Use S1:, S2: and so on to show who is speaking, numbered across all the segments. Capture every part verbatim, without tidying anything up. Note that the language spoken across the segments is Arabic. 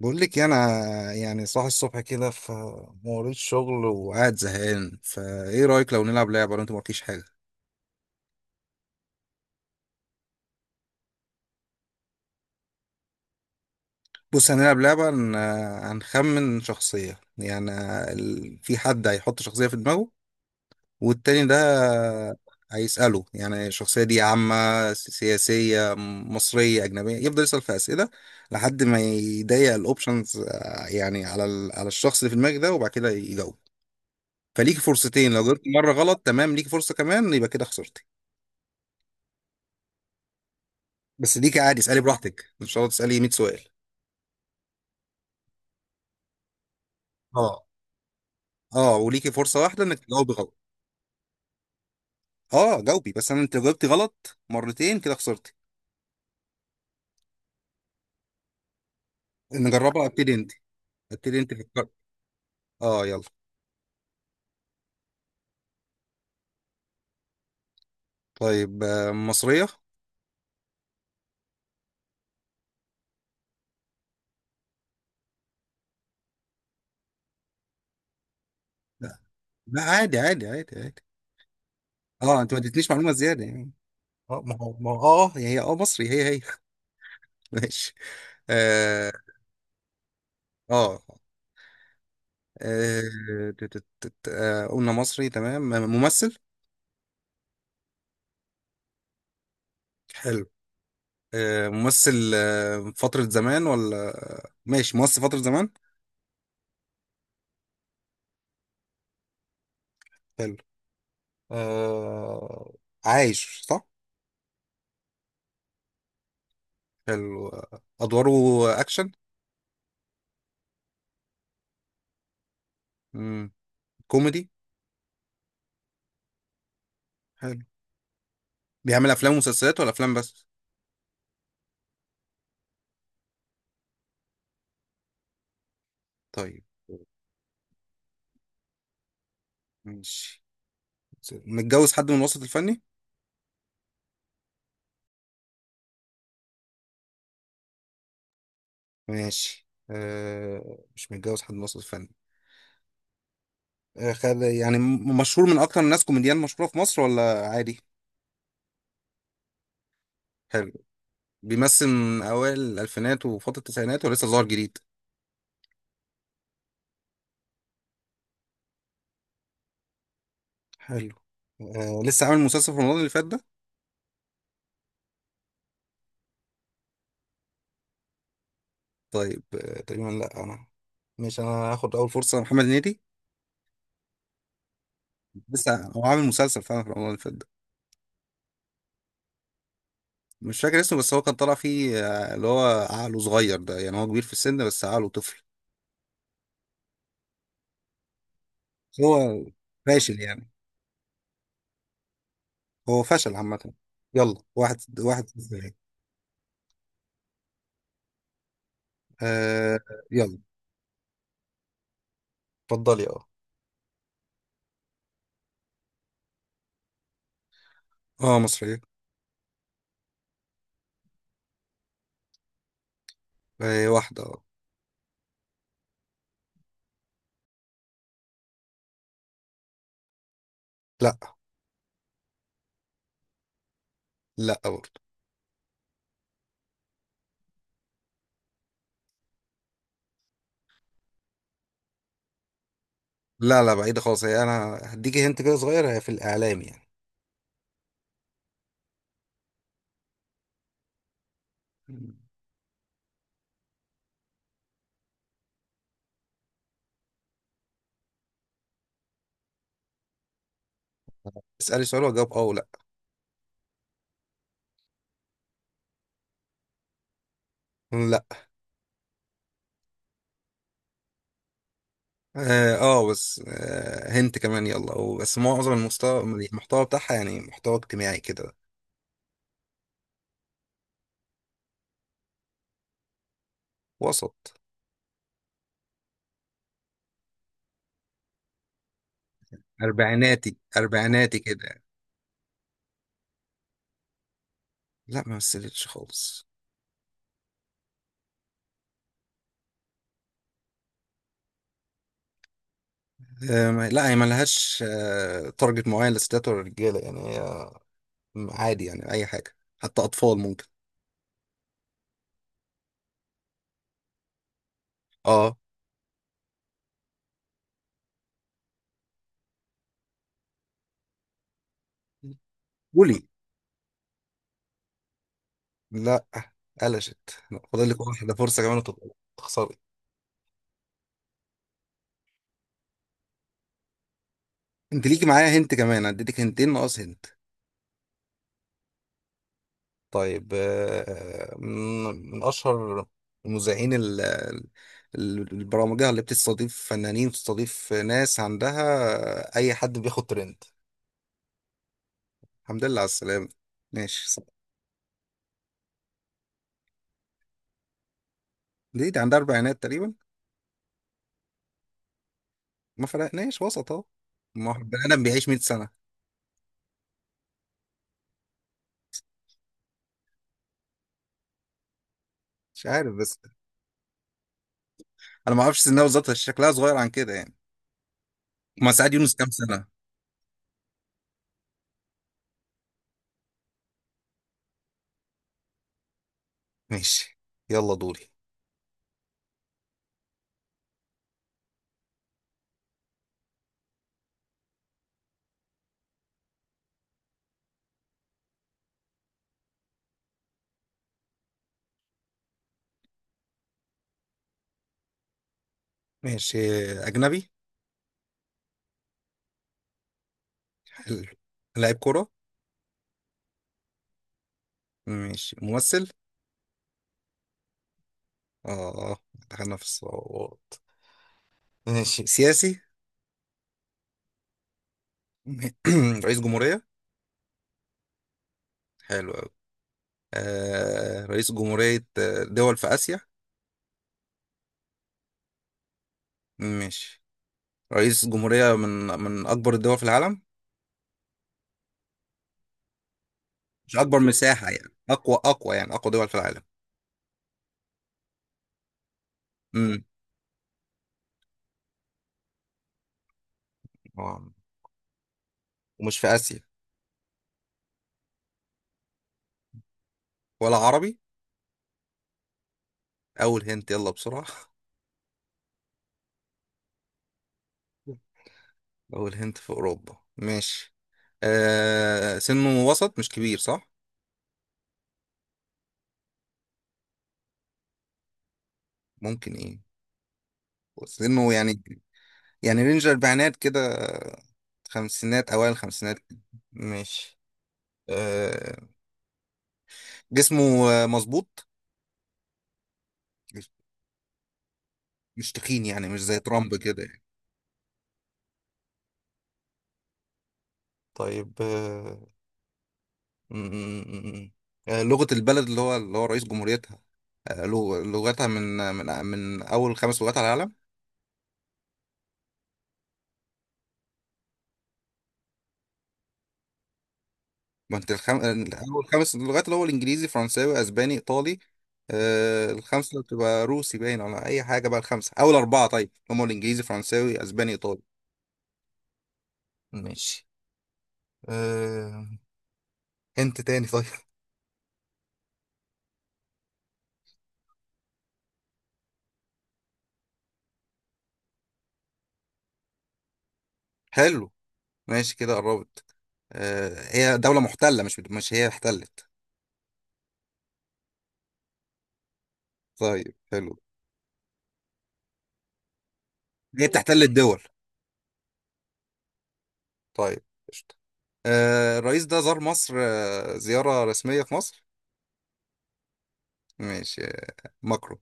S1: بقول لك إيه، انا يعني صاحي الصبح كده في موريت شغل وقاعد زهقان فايه رايك لو نلعب لعبه لو انت ما قلتيش حاجه. بص هنلعب لعبه هن- هنخمن شخصيه، يعني ال- في حد هيحط شخصيه في دماغه والتاني ده هيساله يعني الشخصيه دي عامه، س- سياسيه، م- مصريه، اجنبيه، يفضل يسال في اسئله لحد ما يضيق الاوبشنز، آه، يعني على ال- على الشخص اللي في دماغك ده وبعد كده يجاوب. فليك فرصتين لو جبت مرة غلط، تمام، ليك فرصة كمان، يبقى كده خسرت. بس ليكي عادي اسالي براحتك، مش شرط تسالي مية سؤال. اه. اه وليكي فرصه واحده انك تجاوبي غلط. اه جاوبي، بس انا انت لو جاوبتي غلط مرتين كده خسرتي. نجربها، ابتدي انت. ابتدي انت فكر. اه يلا. طيب آه، مصريه. لا لا عادي عادي عادي عادي. اه انت ما اديتنيش معلومه زياده يعني. اه ما هو ما هو اه هي هي اه مصري هي هي ماشي. اه. اه آه، تت- تت- آه، قلنا مصري تمام. ممثل. حلو. آه، ممثل آه، فترة زمان ولا. ماشي ممثل فترة زمان. حلو. آه... عايش صح. حلو آه، أدواره. أكشن. مم. كوميدي. حلو. بيعمل أفلام ومسلسلات ولا أفلام بس. طيب، ماشي. متجوز حد من الوسط الفني. ماشي آه... مش متجوز حد من الوسط الفني. آه خد... يعني م- مشهور من أكتر الناس كوميديان مشهورة في مصر ولا عادي. حلو. بيمثل من أوائل الألفينات وفترة التسعينات ولسه ظاهر جديد. حلو. آه لسه عامل مسلسل في رمضان اللي فات ده. طيب آه تقريبا لا انا، مش انا هاخد اول فرصه، محمد هنيدي. لسه هو عامل مسلسل فعلا في رمضان اللي فات ده. مش فاكر اسمه، بس هو كان طالع فيه آه، اللي هو عقله صغير ده، يعني هو كبير في السن بس عقله طفل. هو فاشل يعني، هو فشل عامه. يلا، واحد واحد صفر. آه يلا. اتفضلي اه. اه مصريه. آه واحده اه. لا. لا برضه. لا لا بعيدة خالص، هي انا هديكي هنت كده صغير، هي في الاعلام يعني. اسألي سؤال واجاوب اه ولا. لا. اه آه، بس آه هنت كمان يلا، أو بس معظم المستوى المحتوى بتاعها يعني محتوى اجتماعي كده. وسط. اربعيناتي اربعيناتي كده يعني. لا ما مثلتش خالص. آه ما- لا هي ما لهاش آه تارجت معين للستات ولا للرجاله، يعني هي عادي يعني اي حاجه، حتى اطفال ممكن. اه. قولي. لا قلشت. لا، فاضل لك واحده فرصه كمان وتبقى تخسري. انت ليكي معايا هنت كمان، اديتك هنتين ناقص هنت. طيب آه، من من أشهر المذيعين ال- ال- البرامجية اللي بتستضيف فنانين، بتستضيف ناس عندها آه، أي حد بياخد ترند. الحمد لله على السلامة. ماشي صح. دي, دي عندها أربعينات تقريبا. ما فرقناش، وسط أهو، ما هو البني آدم بيعيش مائة سنة. مش عارف بس، أنا ما أعرفش سنها بالظبط بس شكلها صغير عن كده يعني. ما سعد يونس كام سنة. ماشي، يلا دوري. ماشي. أجنبي. حلو. لاعب كورة. ماشي. ممثل. اه. دخلنا في الصعوبات. ماشي. سياسي. رئيس جمهورية. حلو أوي. آه رئيس جمهورية آه، دول في آسيا. ماشي. رئيس جمهورية من من أكبر الدول في العالم. مش أكبر مساحة، يعني أقوى، أقوى يعني أقوى دول في العالم. امم آه، ومش في آسيا، ولا عربي. أول هنت يلا بسرعة. أول هنت في أوروبا. ماشي. آه سنه وسط مش كبير صح؟ ممكن إيه، سنه يعني، يعني رينج الأربعينات كده، خمسينات، أوائل الخمسينات. ماشي. آه. جسمه آه، مظبوط، مش تخين يعني، مش زي ترامب كده يعني. طيب آه م- م- م- آه، لغة البلد اللي هو اللي هو رئيس جمهوريتها، آه لغ- لغتها من من من أول خمس لغات على العالم. ما أنت الخم... أول خمس لغات، اللي هو الإنجليزي، فرنساوي، أسباني، إيطالي آه الخمسة اللي بتبقى روسي باين ولا أي حاجة بقى، الخمسة، أول أربعة طيب هم الإنجليزي، فرنساوي، أسباني، إيطالي. ماشي. آه... انت تاني. طيب. حلو. ماشي كده قربت. آه... هي دولة محتلة، مش مش هي احتلت. طيب حلو. هي بتحتل الدول. طيب، قشطة. آه... الرئيس ده زار مصر آه... زيارة رسمية في مصر. ماشي آه، ماكرون.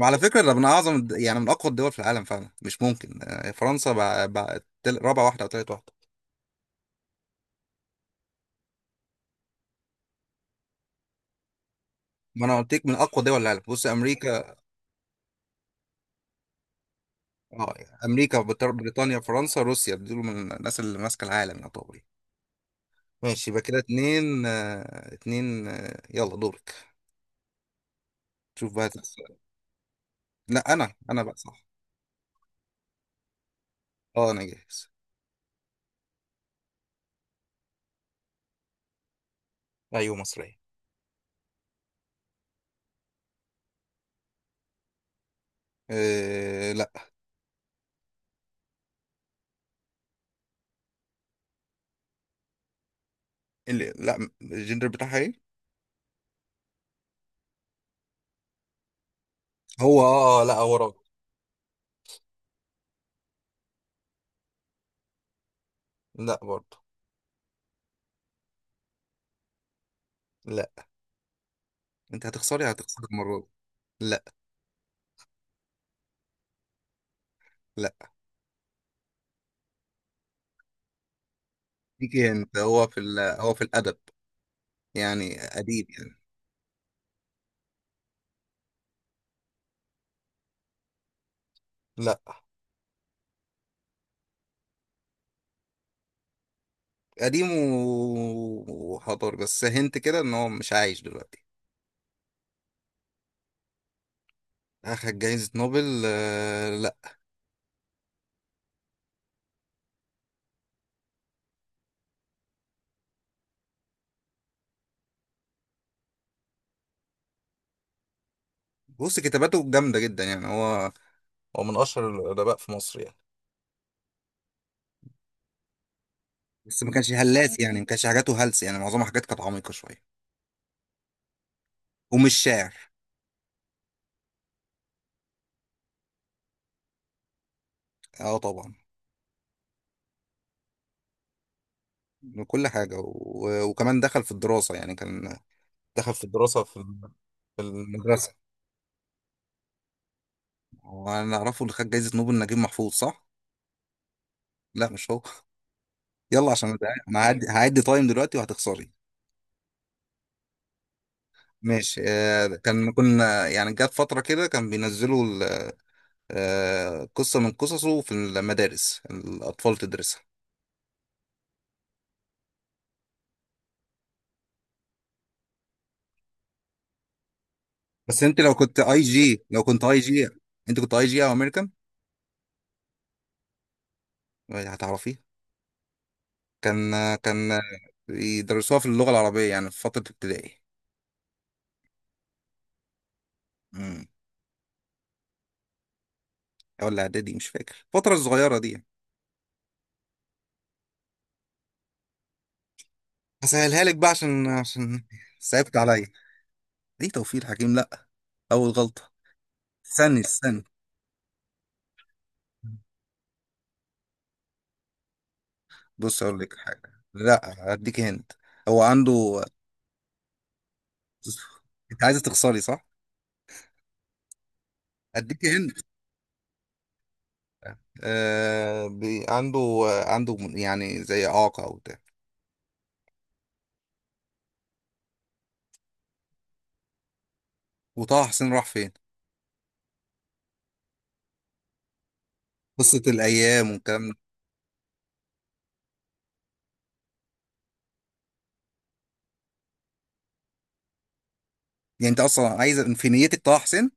S1: وعلى فكرة ده من أعظم الد- يعني من أقوى الدول في العالم فعلا، مش ممكن آه، فرنسا بقى بقى تل- رابع واحدة أو تالت واحدة. ما أنا قلت لك من أقوى دول العالم، بص أمريكا. اه. أمريكا بتر- بريطانيا، فرنسا، روسيا، دول من الناس اللي ماسكة العالم يعتبر. ماشي، يبقى كده اتنين آه، اتنين آه، يلا دورك. شوف بقى هتسأل. لا انا انا بقى صح. اه انا جاهز. ايوه مصرية. أه لا. اللي لا، الجندر بتاعها ايه. هو اه آه، لا هو راجل. لا برضه. لا، انت هتخسري، هتخسري المرة دي. لا. لا. ليكي انت، هو في ال... هو في الادب، يعني قديم يعني. لا، قديم و- وحضاري، بس هنت كده ان هو مش عايش دلوقتي. اخد جايزة نوبل آه، لا. بص كتاباته جامدة جدا يعني، هو هو من اشهر الادباء في مصر يعني. بس ما كانش هلاس يعني، ما كانش حاجاته هلس يعني، معظمها حاجات كانت عميقة شوية. ومش شاعر. اه طبعا، من كل حاجة و... وكمان دخل في الدراسة يعني، كان دخل في الدراسة في الم- في المدرسة. وانا اعرفه اللي خد جايزة نوبل نجيب محفوظ صح؟ لا مش هو. يلا عشان أنا زهقان. انا هعدي هعدي تايم دلوقتي وهتخسري. ماشي آه، كان كنا يعني، جت فترة كده كان بينزلوا ال- آه، قصة من قصصه في المدارس الأطفال تدرسها. بس انت لو كنت اي جي، لو كنت اي جي انت كنت اي جي او امريكان هتعرفيه. كان كان يدرسوها في اللغه العربيه يعني في فتره ابتدائي. امم ولا اعدادي، مش فاكر الفتره الصغيره دي. هسهلها لك بقى عشان عشان صعبت عليا. ليه توفيق الحكيم لا، اول غلطه. استني استني بص اقول لك حاجه، لا اديك هند. هو عنده. انت عايزه تخسري صح. اديك هند. آه... بي... عنده، عنده يعني زي اعاقه او بتاع. وطه حسين راح فين؟ قصة الأيام والكلام ده. يعني أنت أصلا عايز في نيتك طه حسين.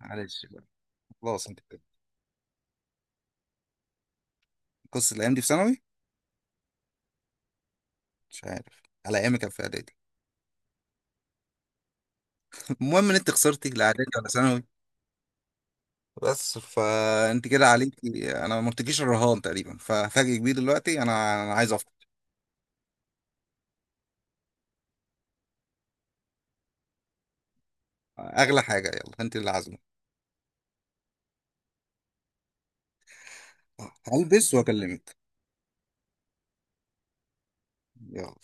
S1: معلش بقى. خلاص أنت كده. قصة الأيام دي في ثانوي. مش عارف، على أيامي كان في إعدادي. المهم إن أنت خسرتي، لا إعدادي ولا ثانوي. بس فأنت كده عليكي، أنا ما قلتلكيش الرهان تقريبا، ففاجئ كبير دلوقتي، أنا أنا عايز أفطر. أغلى حاجة، يلا أنت اللي عازمة. هلبس وأكلمك. يلا.